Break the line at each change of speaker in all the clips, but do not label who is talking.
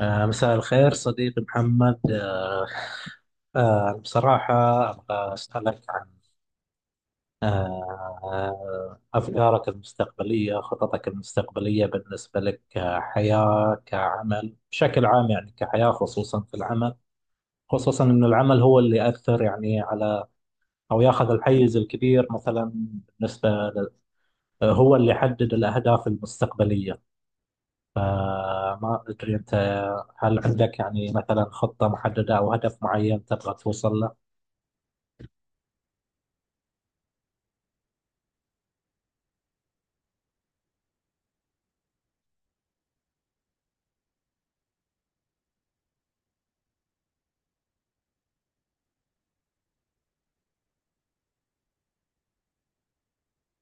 مساء الخير صديقي محمد. بصراحة أبغى أسألك عن أفكارك المستقبلية، خططك المستقبلية بالنسبة لك كحياة، كعمل بشكل عام، يعني كحياة خصوصا في العمل، خصوصا أن العمل هو اللي يأثر يعني على أو ياخذ الحيز الكبير مثلا بالنسبة هو اللي يحدد الأهداف المستقبلية. فما أدري أنت، هل عندك يعني مثلا خطة محددة أو هدف معين تبغى توصل له؟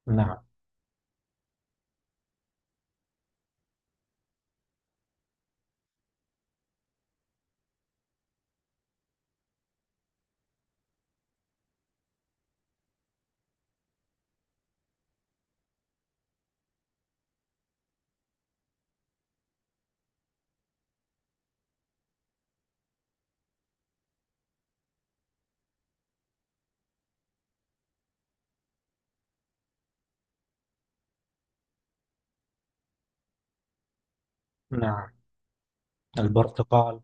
نعم. نعم، البرتقال.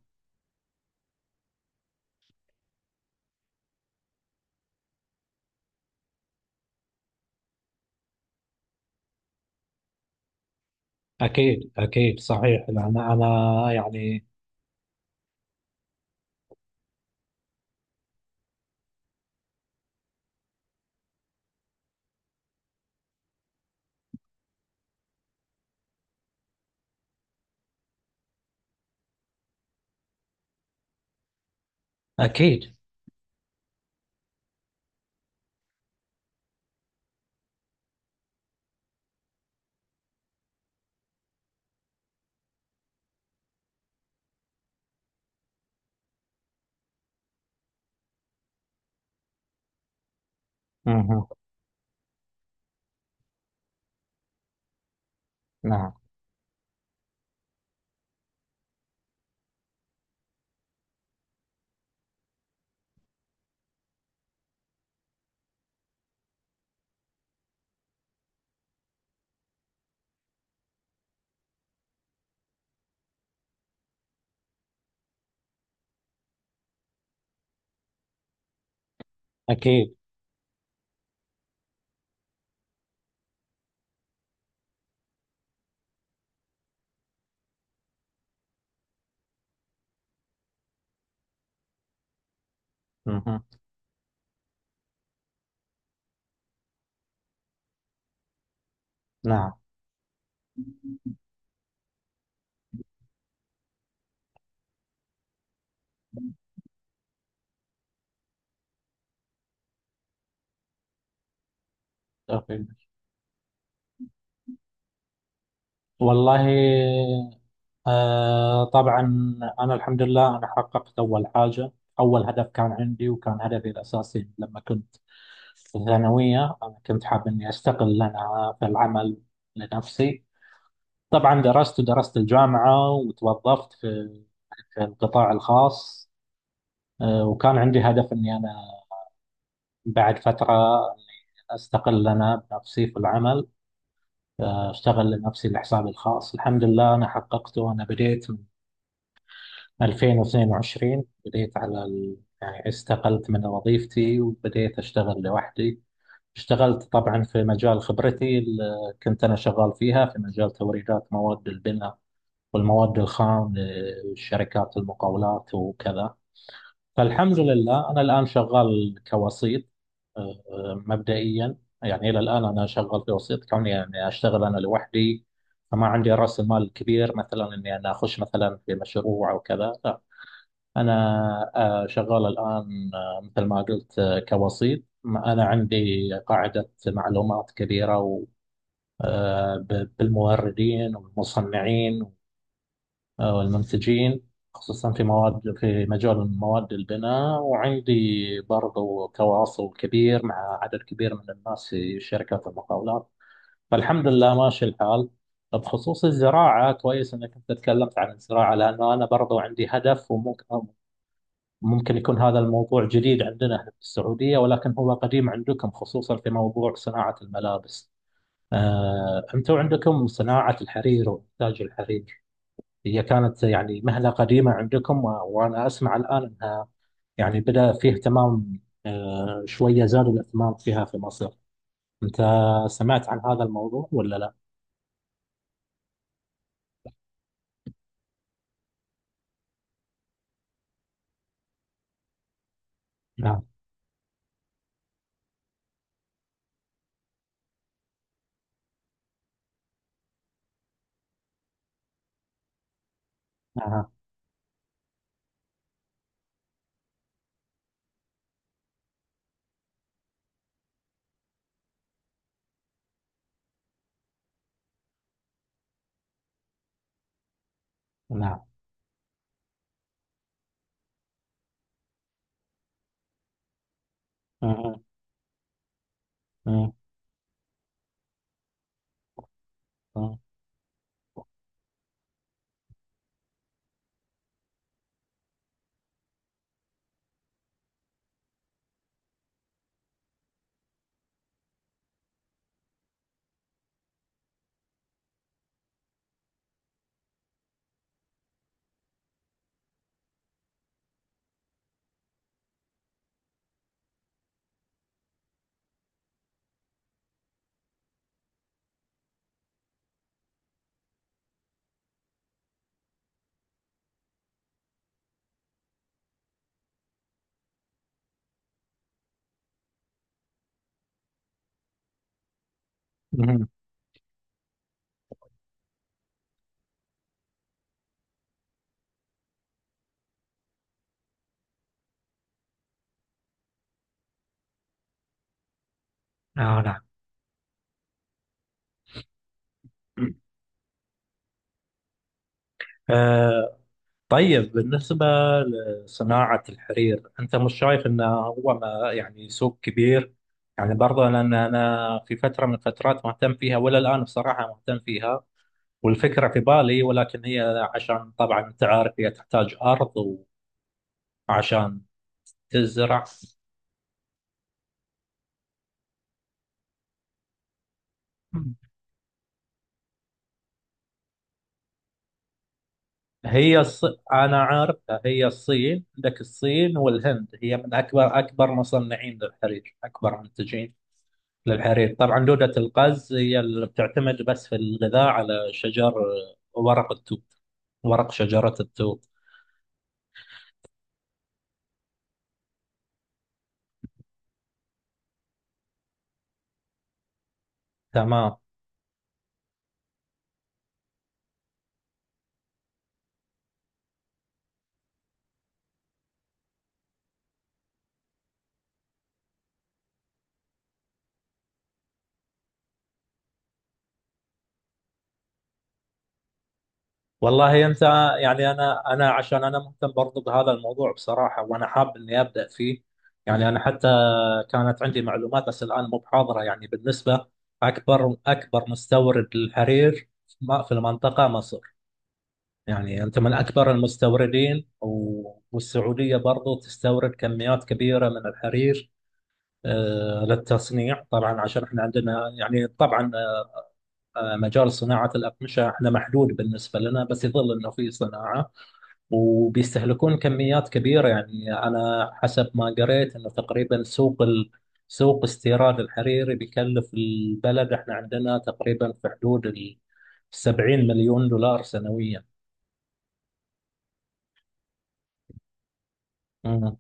أكيد أكيد، صحيح، لأن أنا يعني أكيد. مه. نعم. أكيد. مه. نعم. أوكي. والله طبعا أنا الحمد لله أنا حققت أول حاجة، أول هدف كان عندي، وكان هدفي الأساسي لما كنت في الثانوية أنا كنت حاب إني أستقل أنا في العمل لنفسي. طبعا درست ودرست الجامعة وتوظفت في في القطاع الخاص. وكان عندي هدف إني أنا بعد فترة إني أستقل أنا بنفسي في العمل، أشتغل لنفسي لحسابي الخاص. الحمد لله أنا حققته، أنا بديت من 2022، بديت يعني استقلت من وظيفتي وبديت أشتغل لوحدي. اشتغلت طبعا في مجال خبرتي اللي كنت أنا شغال فيها، في مجال توريدات مواد البناء والمواد الخام لشركات المقاولات وكذا. فالحمد لله أنا الآن شغال كوسيط، مبدئيا. يعني إلى الآن أنا شغال كوسيط، كوني يعني أشتغل أنا لوحدي، فما عندي رأس المال كبير مثلا إني أنا أخش مثلا في مشروع أو كذا. أنا شغال الآن مثل ما قلت كوسيط. أنا عندي قاعدة معلومات كبيرة بالموردين والمصنعين والمنتجين، خصوصا في مواد، في مجال مواد البناء، وعندي برضو تواصل كبير مع عدد كبير من الناس في شركات المقاولات. فالحمد لله ماشي الحال. بخصوص الزراعة، كويس أنك أنت تكلمت عن الزراعة، لأنه أنا برضو عندي هدف. ممكن يكون هذا الموضوع جديد عندنا احنا في السعودية ولكن هو قديم عندكم، خصوصا في موضوع صناعة الملابس. انتم عندكم صناعة الحرير وإنتاج الحرير، هي كانت يعني مهنة قديمة عندكم، وأنا أسمع الآن أنها يعني بدأ فيه اهتمام، شوية زاد الاهتمام فيها في مصر. أنت سمعت عن هذا الموضوع ولا لا؟ نعم. نعم. نعم. آه، آه، آه، آه، آه، نعم. طيب، بالنسبة لصناعة الحرير، أنت مش شايف أنه هو ما يعني سوق كبير؟ يعني برضه، لأن أنا في فترة من الفترات مهتم فيها، ولا الآن بصراحة مهتم فيها والفكرة في بالي، ولكن هي عشان طبعا أنت عارف هي تحتاج أرض، وعشان تزرع. هي الص... أنا عارف، هي الصين، عندك الصين والهند هي من أكبر، أكبر مصنعين للحرير، أكبر منتجين للحريق. طبعا دودة القز هي اللي بتعتمد بس في الغذاء على شجر ورق التوت، ورق شجرة التوت. تمام. والله أنت، يعني أنا عشان أنا مهتم برضو بهذا الموضوع بصراحة، وأنا حاب إني أبدأ فيه. يعني أنا حتى كانت عندي معلومات بس الآن مو بحاضرة. يعني بالنسبة، أكبر، أكبر مستورد للحرير في المنطقة مصر، يعني أنت من أكبر المستوردين، والسعودية برضو تستورد كميات كبيرة من الحرير للتصنيع طبعا. عشان احنا عندنا يعني طبعا مجال صناعة الأقمشة احنا محدود بالنسبة لنا، بس يظل انه في صناعة وبيستهلكون كميات كبيرة. يعني انا حسب ما قريت انه تقريبا سوق استيراد الحريري بيكلف البلد، احنا عندنا تقريبا في حدود ال 70 مليون دولار سنويا. مم.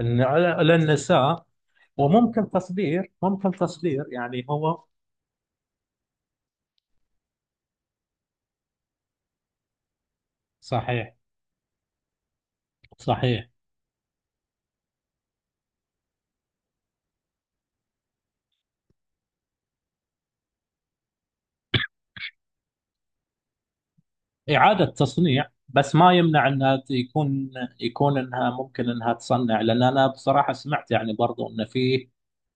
إن على، للنساء، وممكن تصدير، ممكن تصدير يعني هو. صحيح. صحيح، إعادة تصنيع، بس ما يمنع انها يكون، يكون انها ممكن انها تصنع. لان انا بصراحة سمعت يعني برضو ان فيه،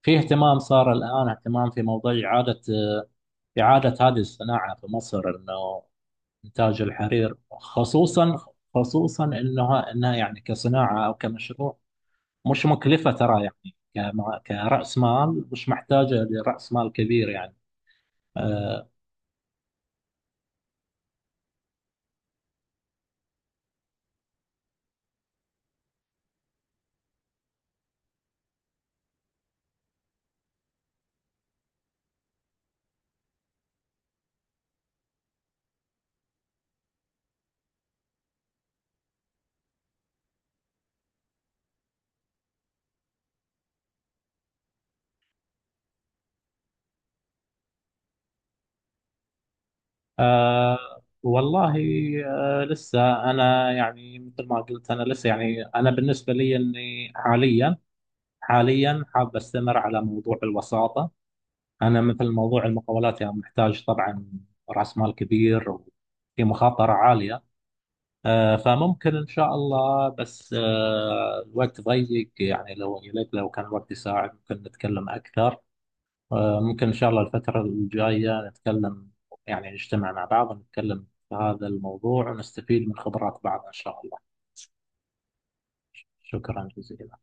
في اهتمام صار الان، اهتمام في موضوع إعادة، إعادة هذه الصناعة في مصر، انه إنتاج الحرير خصوصا، خصوصا انها انها يعني كصناعة او كمشروع مش مكلفة ترى يعني، كرأس مال مش محتاجة لرأس مال كبير يعني. آه، والله، لسه أنا، يعني مثل ما قلت، أنا لسه يعني أنا بالنسبة لي إني حاليا، حاليا حاب أستمر على موضوع الوساطة. أنا مثل موضوع المقاولات يعني محتاج طبعا رأس مال كبير وفي مخاطرة عالية. فممكن إن شاء الله، بس الوقت ضيق يعني، لو يا ليت لو كان الوقت يساعد ممكن نتكلم أكثر. ممكن إن شاء الله الفترة الجاية نتكلم، يعني نجتمع مع بعض ونتكلم في هذا الموضوع ونستفيد من خبرات بعض إن شاء الله. شكرا جزيلا.